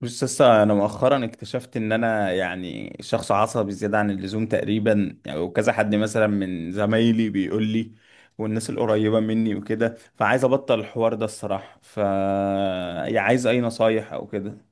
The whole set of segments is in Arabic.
بص لسه انا مؤخرا اكتشفت ان انا شخص عصبي زياده عن اللزوم تقريبا وكذا حد مثلا من زمايلي بيقول لي والناس القريبه مني وكده. فعايز ابطل الحوار ده الصراحه، ف عايز اي نصايح او كده.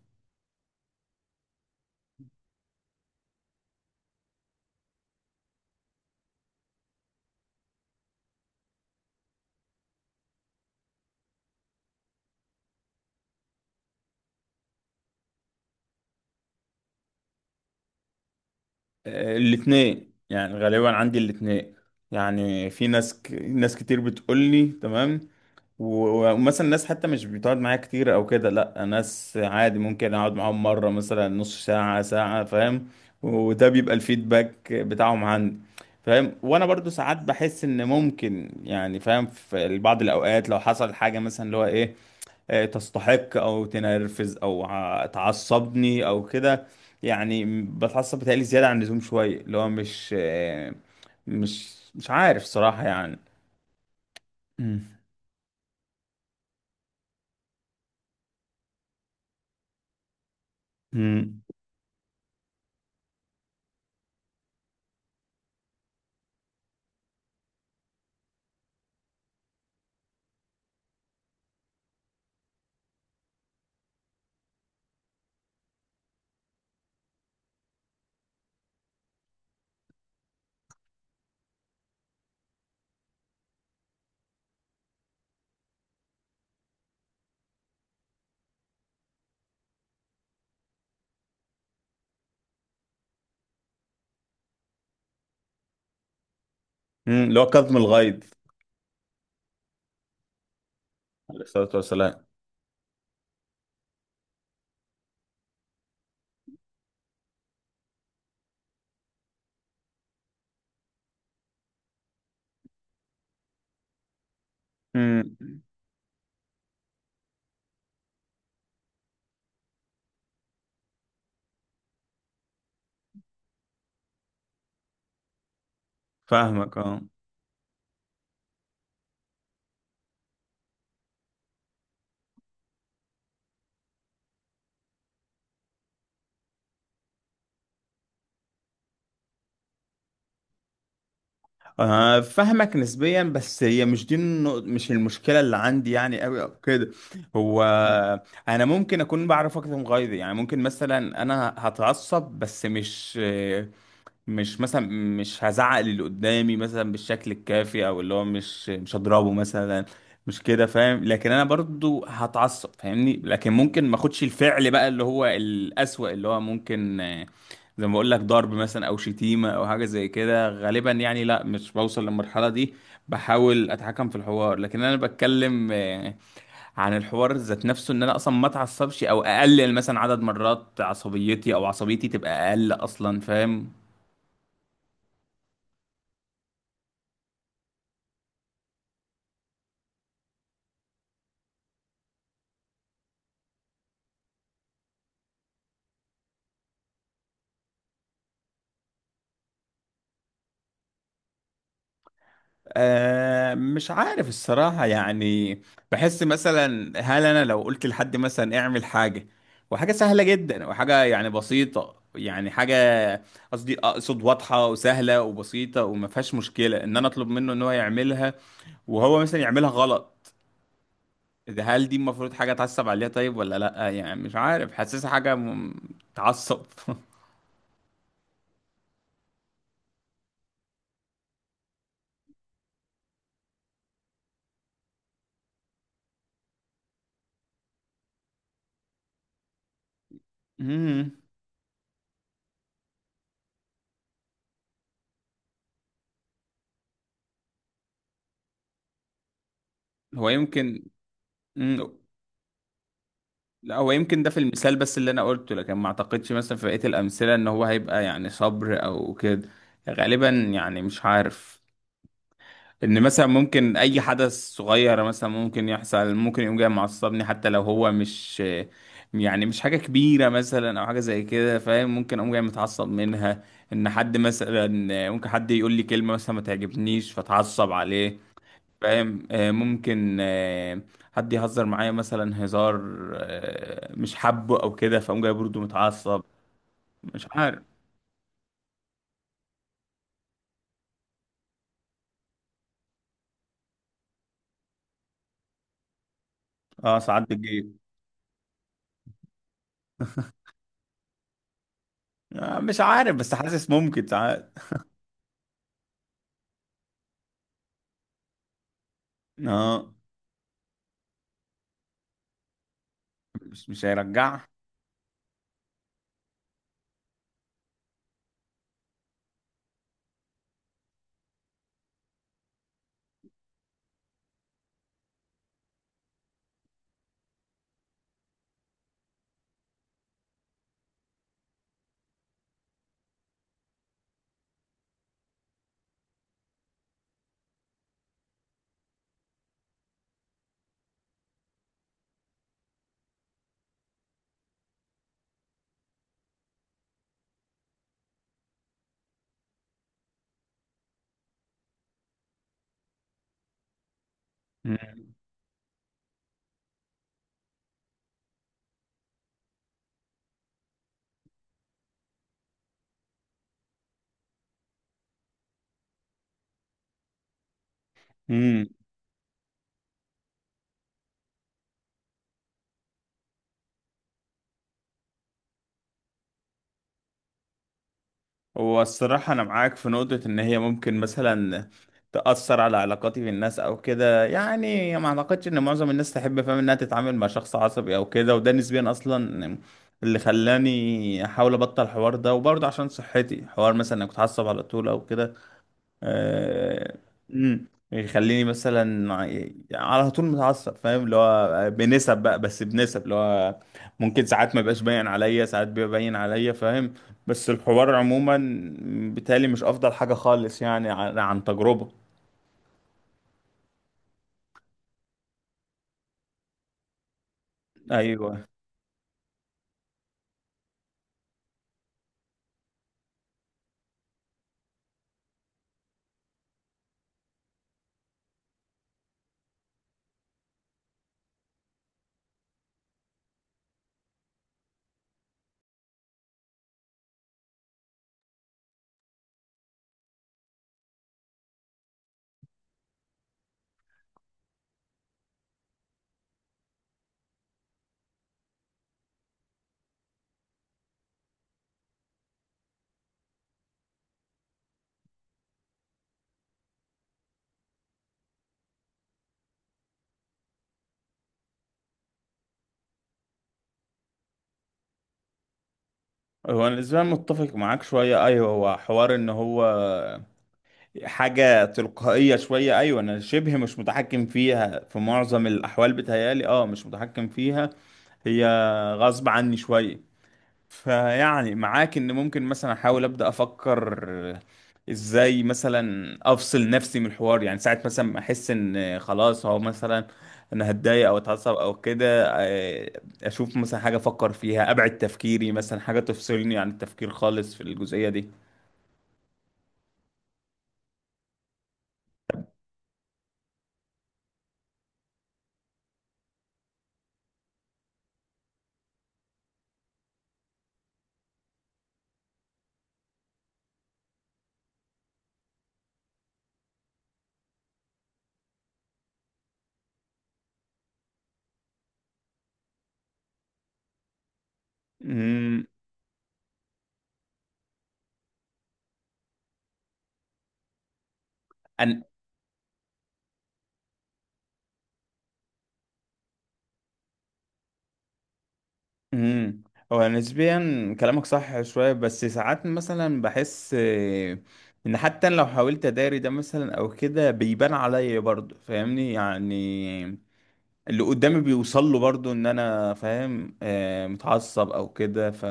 آه، الاتنين، غالبا عندي الاتنين. يعني في ناس كتير بتقول لي تمام، و- ومثلا ناس حتى مش بتقعد معايا كتير او كده. لا، ناس عادي ممكن اقعد معاهم مره، مثلا نص ساعه ساعه، فاهم؟ وده بيبقى الفيدباك بتاعهم عندي. فاهم؟ وانا برضو ساعات بحس ان ممكن، يعني فاهم، في بعض الاوقات لو حصل حاجه مثلا اللي هو ايه، آه، تستحق او تنرفز او تعصبني او كده. بتعصب بتهيألي زياده عن اللزوم شويه، اللي هو مش مش عارف صراحه يعني. مم. مم، اللي هو كظم الغيظ. عليه الصلاة والسلام. مم. فاهمك اه آه، فاهمك نسبيا، بس هي مش دي مش المشكلة اللي عندي يعني قوي او كده. هو انا ممكن اكون بعرف اكتم غيظي، يعني ممكن مثلا انا هتعصب بس مش مثلا مش هزعق اللي قدامي مثلا بالشكل الكافي، او اللي هو مش هضربه مثلا، مش كده، فاهم؟ لكن انا برضو هتعصب فاهمني، لكن ممكن ما اخدش الفعل بقى اللي هو الأسوأ، اللي هو ممكن آه، زي ما بقول لك ضرب مثلا او شتيمة او حاجة زي كده. غالبا يعني لا، مش بوصل للمرحلة دي، بحاول اتحكم في الحوار. لكن انا بتكلم آه، عن الحوار ذات نفسه ان انا اصلا ما اتعصبش، او اقلل مثلا عدد مرات عصبيتي، او عصبيتي تبقى اقل اصلا، فاهم؟ آه، مش عارف الصراحة يعني. بحس مثلا هل أنا لو قلت لحد مثلا اعمل حاجة، وحاجة سهلة جدا وحاجة يعني بسيطة، يعني حاجة قصدي أقصد واضحة وسهلة وبسيطة وما فيهاش مشكلة إن أنا أطلب منه إن هو يعملها، وهو مثلا يعملها غلط، ده هل دي المفروض حاجة أتعصب عليها طيب ولا لأ؟ يعني مش عارف، حاسسها حاجة تعصب مم. هو يمكن. مم. لا، هو يمكن ده في المثال بس اللي انا قلته، لكن ما اعتقدش مثلا في بقية الامثلة ان هو هيبقى يعني صبر او كده. غالبا يعني مش عارف، ان مثلا ممكن اي حدث صغير مثلا ممكن يحصل، ممكن يقوم جاي معصبني حتى لو هو مش يعني مش حاجة كبيرة مثلا او حاجة زي كده، فاهم؟ ممكن اقوم جاي متعصب منها. ان حد مثلا ممكن حد يقول لي كلمة مثلا ما تعجبنيش فاتعصب عليه، فاهم؟ آه، ممكن آه، حد يهزر معايا مثلا هزار آه، مش حابه او كده، فاقوم جاي برضه متعصب. مش عارف. اه ساعات بتجيب. آه، مش عارف بس حاسس ممكن ساعات. اه، مش هيرجع. هو الصراحة أنا معاك في نقطة إن هي ممكن مثلا تأثر على علاقاتي بالناس أو كده. يعني ما أعتقدش إن معظم الناس تحب، فاهم، إنها تتعامل مع شخص عصبي أو كده، وده نسبيا أصلا اللي خلاني أحاول أبطل الحوار ده، وبرضه عشان صحتي حوار مثلا إنك تتعصب على طول أو كده. آه. امم. يخليني مثلا على طول متعصب، فاهم؟ اللي هو بنسب بقى، بس بنسب اللي هو ممكن ساعات ما بقاش باين عليا، ساعات بيبقى باين عليا، فاهم؟ بس الحوار عموما بالتالي مش افضل حاجة خالص، يعني عن تجربة. ايوه. هو انا بالنسبة لي متفق معاك شوية، ايوه، هو حوار ان هو حاجة تلقائية شوية. ايوه، انا شبه مش متحكم فيها في معظم الاحوال، بتهيالي اه مش متحكم فيها، هي غصب عني شوية. فيعني معاك ان ممكن مثلا احاول ابدا افكر ازاي مثلا افصل نفسي من الحوار، يعني ساعه مثلا ما احس ان خلاص هو مثلا انا هتضايق او اتعصب او كده، آه، اشوف مثلا حاجه افكر فيها، ابعد تفكيري مثلا حاجه تفصلني عن التفكير خالص في الجزئيه دي. امم. امم. هو نسبيا كلامك صح شويه، بس ساعات مثلا بحس آه، ان حتى لو حاولت اداري ده مثلا او كده بيبان عليا برضه، فاهمني؟ يعني اللي قدامي بيوصل له برضه ان انا فاهم آه، متعصب او كده. ف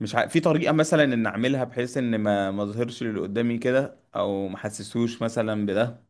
مش ع... في طريقه مثلا ان اعملها بحيث ان ما اظهرش اللي قدامي كده، او ما احسسهوش مثلا بده.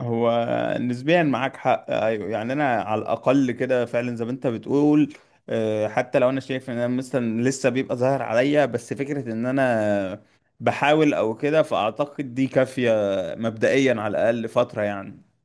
هو نسبيا معاك حق، ايوه، يعني انا على الاقل كده فعلا زي ما انت بتقول، آه، حتى لو انا شايف ان انا مثلا لسه بيبقى ظاهر عليا، بس فكره ان انا بحاول او كده فاعتقد دي كافيه مبدئيا على الاقل فتره يعني.